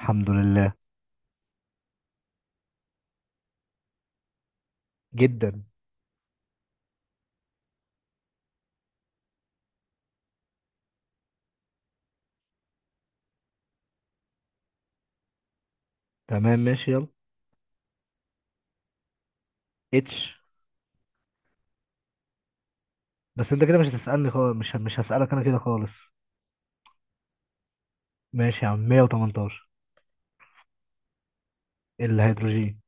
الحمد لله. جدا. تمام ماشي يلا. اتش. بس انت كده مش هتسألني خالص مش هسألك انا كده خالص. ماشي يا عم، 118. الهيدروجين.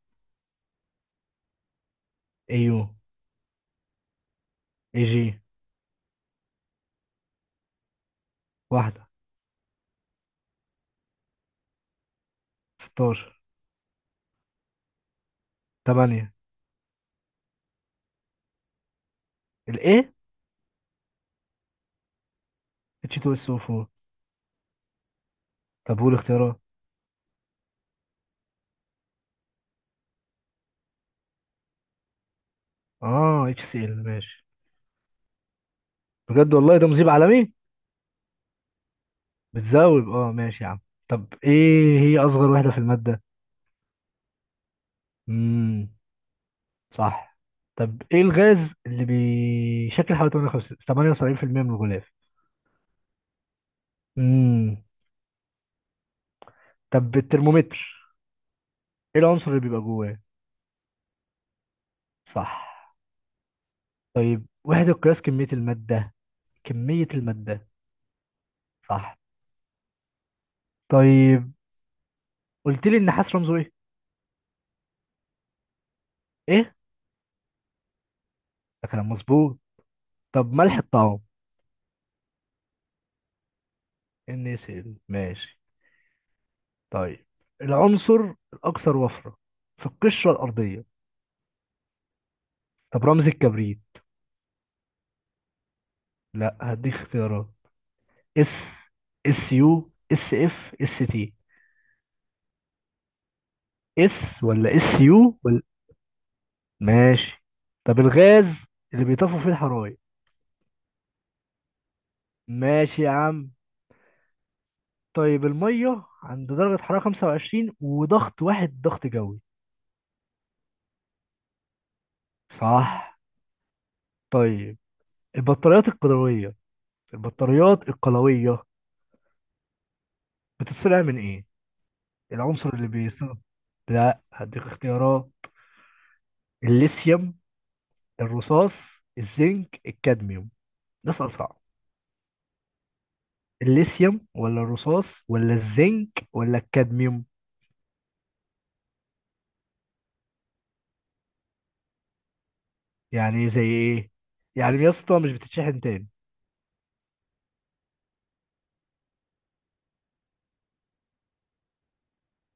يو. اي جي. واحدة. 16. 8. الايه؟ اتش 2 اس 4. طب قول اختيارات. اه، اتش سي ال ماشي. بجد والله ده مذيب عالمي؟ بتذوب. اه ماشي يا عم. طب ايه هي اصغر وحدة في المادة؟ امم صح. طب ايه الغاز اللي بيشكل حوالي 58 78% من الغلاف؟ امم طب الترمومتر، ايه العنصر اللي بيبقى جواه؟ صح. طيب وحدة قياس كمية المادة، كمية المادة. صح. طيب قلت لي النحاس رمزه ايه؟ ايه؟ ده كلام مظبوط. طب ملح الطعام. NaCl ماشي. طيب العنصر الاكثر وفرة في القشرة الارضية. طب رمز الكبريت. لا، هديك اختيارات. اس، اس يو، اس اف، اس تي. اس ولا اس يو ولا. ماشي. طب الغاز اللي بيطفوا فيه الحرايق. ماشي يا عم. طيب المية عند درجة حرارة 25 وضغط واحد ضغط جوي. صح. طيب البطاريات القلوية، البطاريات القلوية بتتصنع من ايه؟ العنصر اللي بيصنع. لا، هديك اختيارات. الليثيوم، الرصاص، الزنك، الكادميوم. ده سؤال صعب. الليثيوم ولا الرصاص ولا الزنك ولا الكادميوم؟ يعني زي ايه؟ يعني يا اسطى مش بتتشحن تاني.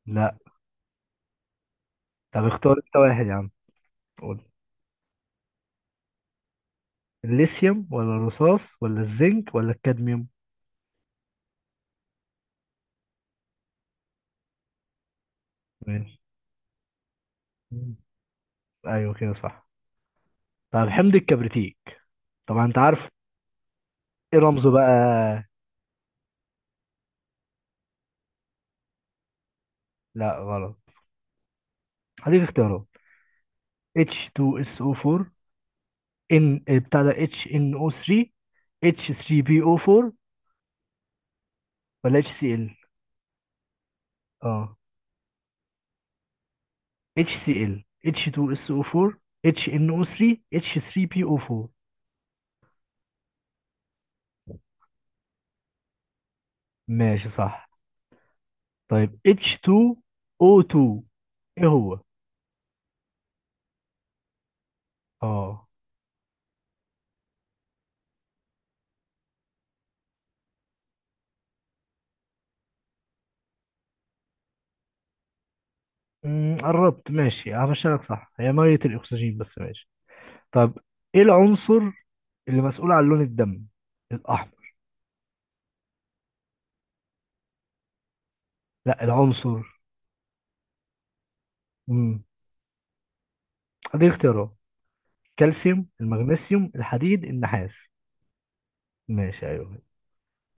لا. طب اختار انت واحد يا عم. الليثيوم ولا الرصاص ولا الزنك ولا الكادميوم؟ ماشي. مم. ايوه كده، صح. طب حمض الكبريتيك، طبعا انت عارف. ايه رمزه بقى؟ لا غلط. هديك اختيارات. H2SO4، ان بتاع ده HNO3، H3PO4 ولا HCl؟ اه، HCl، H2SO4، HNO3، H3PO4. ماشي صح. طيب H2O2 ايه هو؟ اه مم، قربت. ماشي همشي لك، صح. هي ميه الاكسجين، بس ماشي. طب ايه العنصر اللي مسؤول عن لون الدم الاحمر؟ لا، العنصر. امم دي اختيارات، كالسيوم، المغنيسيوم، الحديد، النحاس. ماشي، ايوه.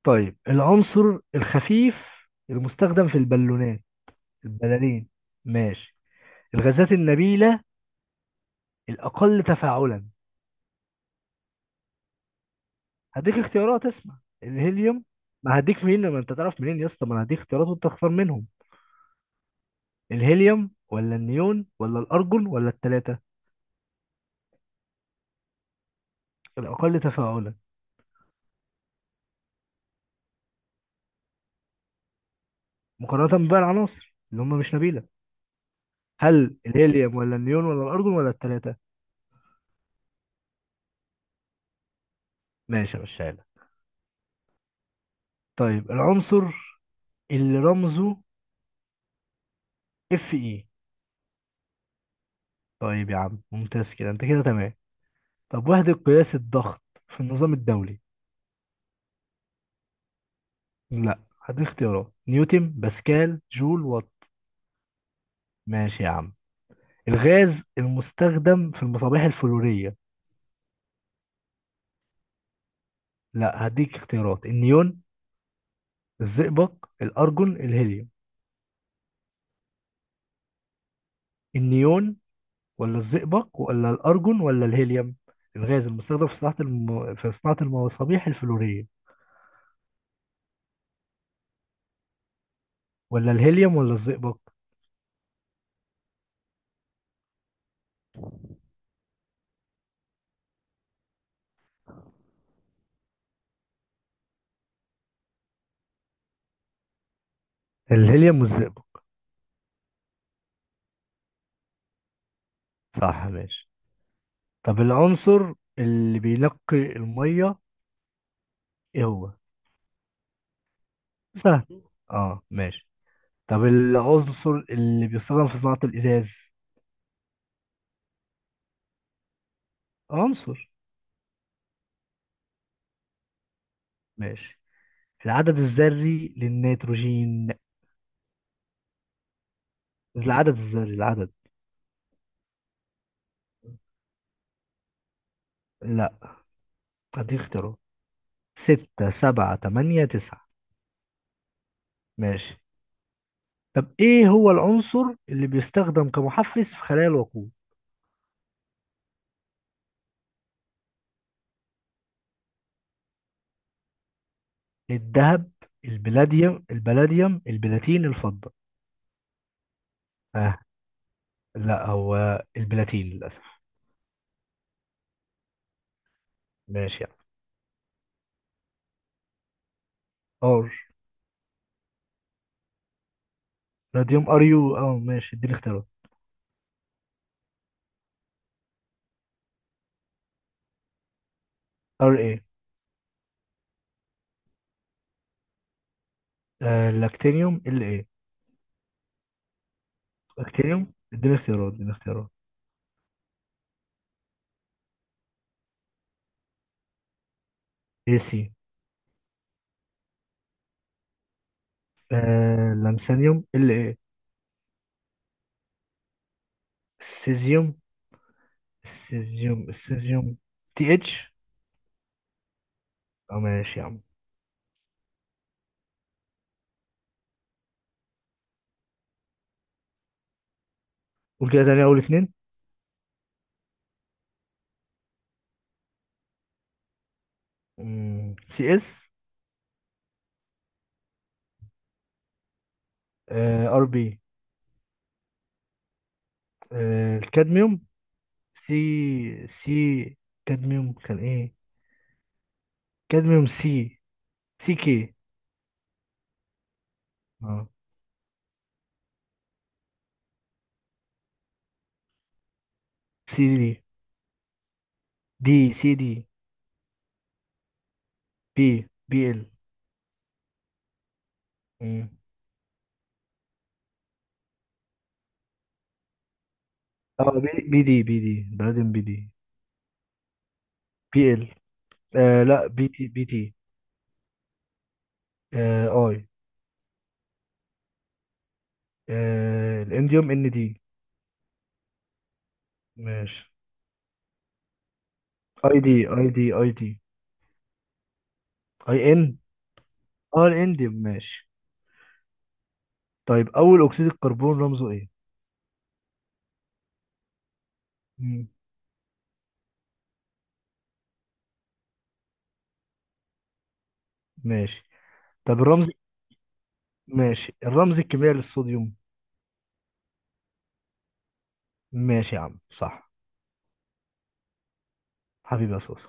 طيب العنصر الخفيف المستخدم في البالونات، البلالين. ماشي. الغازات النبيله، الاقل تفاعلا. هديك اختيارات، اسمع. الهيليوم. ما هديك منين؟ ما انت تعرف منين يا اسطى؟ ما انا هديك اختيارات وانت تختار منهم. الهيليوم ولا النيون ولا الأرجون ولا التلاتة؟ الأقل تفاعلا، مقارنة بقى العناصر اللي هم مش نبيلة. هل الهيليوم ولا النيون ولا الأرجون ولا التلاتة؟ ماشي يا لك. طيب العنصر اللي رمزه اف اي. طيب يا عم، ممتاز كده، انت كده تمام. طب وحدة قياس الضغط في النظام الدولي. لا، هدي اختيارات، نيوتن، باسكال، جول، وات. ماشي يا عم. الغاز المستخدم في المصابيح الفلورية. لا، هديك اختيارات، النيون، الزئبق، الأرجون، الهيليوم. النيون ولا الزئبق ولا الأرجون ولا الهيليوم؟ الغاز المستخدم في صناعة الم... في صناعة المصابيح الفلورية. ولا الهيليوم ولا الزئبق. الهيليوم والزئبق. صح ماشي. طب العنصر اللي بينقي المية، ايه هو؟ سهل. اه ماشي. طب العنصر اللي بيستخدم في صناعة الإزاز. عنصر. ماشي. العدد الذري للنيتروجين، العدد الذري، العدد. لا، اديك اختيارات. ستة، سبعة، تمانية، تسعة. ماشي. طب إيه هو العنصر اللي بيستخدم كمحفز في خلايا الوقود؟ الذهب، البلاديوم، البلاديوم، البلاتين، الفضة. آه. لا، هو البلاتين للأسف. ماشي يعني. ار. راديوم ار يو. اه ماشي، اديني اختيارات. ار ايه. آه، لاكتينيوم ال ايه. لاكتينيوم، اديني اختيارات، اديني اختيارات. اي سي. آه، لامسانيوم ال ايه. السيزيوم، السيزيوم، السيزيوم. تي اتش. اه ماشي يا عم. قول كده تاني اول اتنين. سي اس. آه، ار بي. آه، الكادميوم. سي، سي، كادميوم كان ايه؟ كادميوم سي، سي كي. اه، سي دي، دي سي دي. بي، بي ال. اه بي، بي دي، بي دي بعدين بي دي. بي ال. آه لا، بي تي بي تي. آه، اي. آه، الانديوم ان دي. ماشي. اي دي، اي دي، اي دي. اي ان. اه، الانديوم ماشي. طيب اول اكسيد الكربون رمزه ايه؟ مم. ماشي. طب الرمز. ماشي. الرمز الكيميائي للصوديوم. ماشي يا عم صح. حبيبي يا صوص.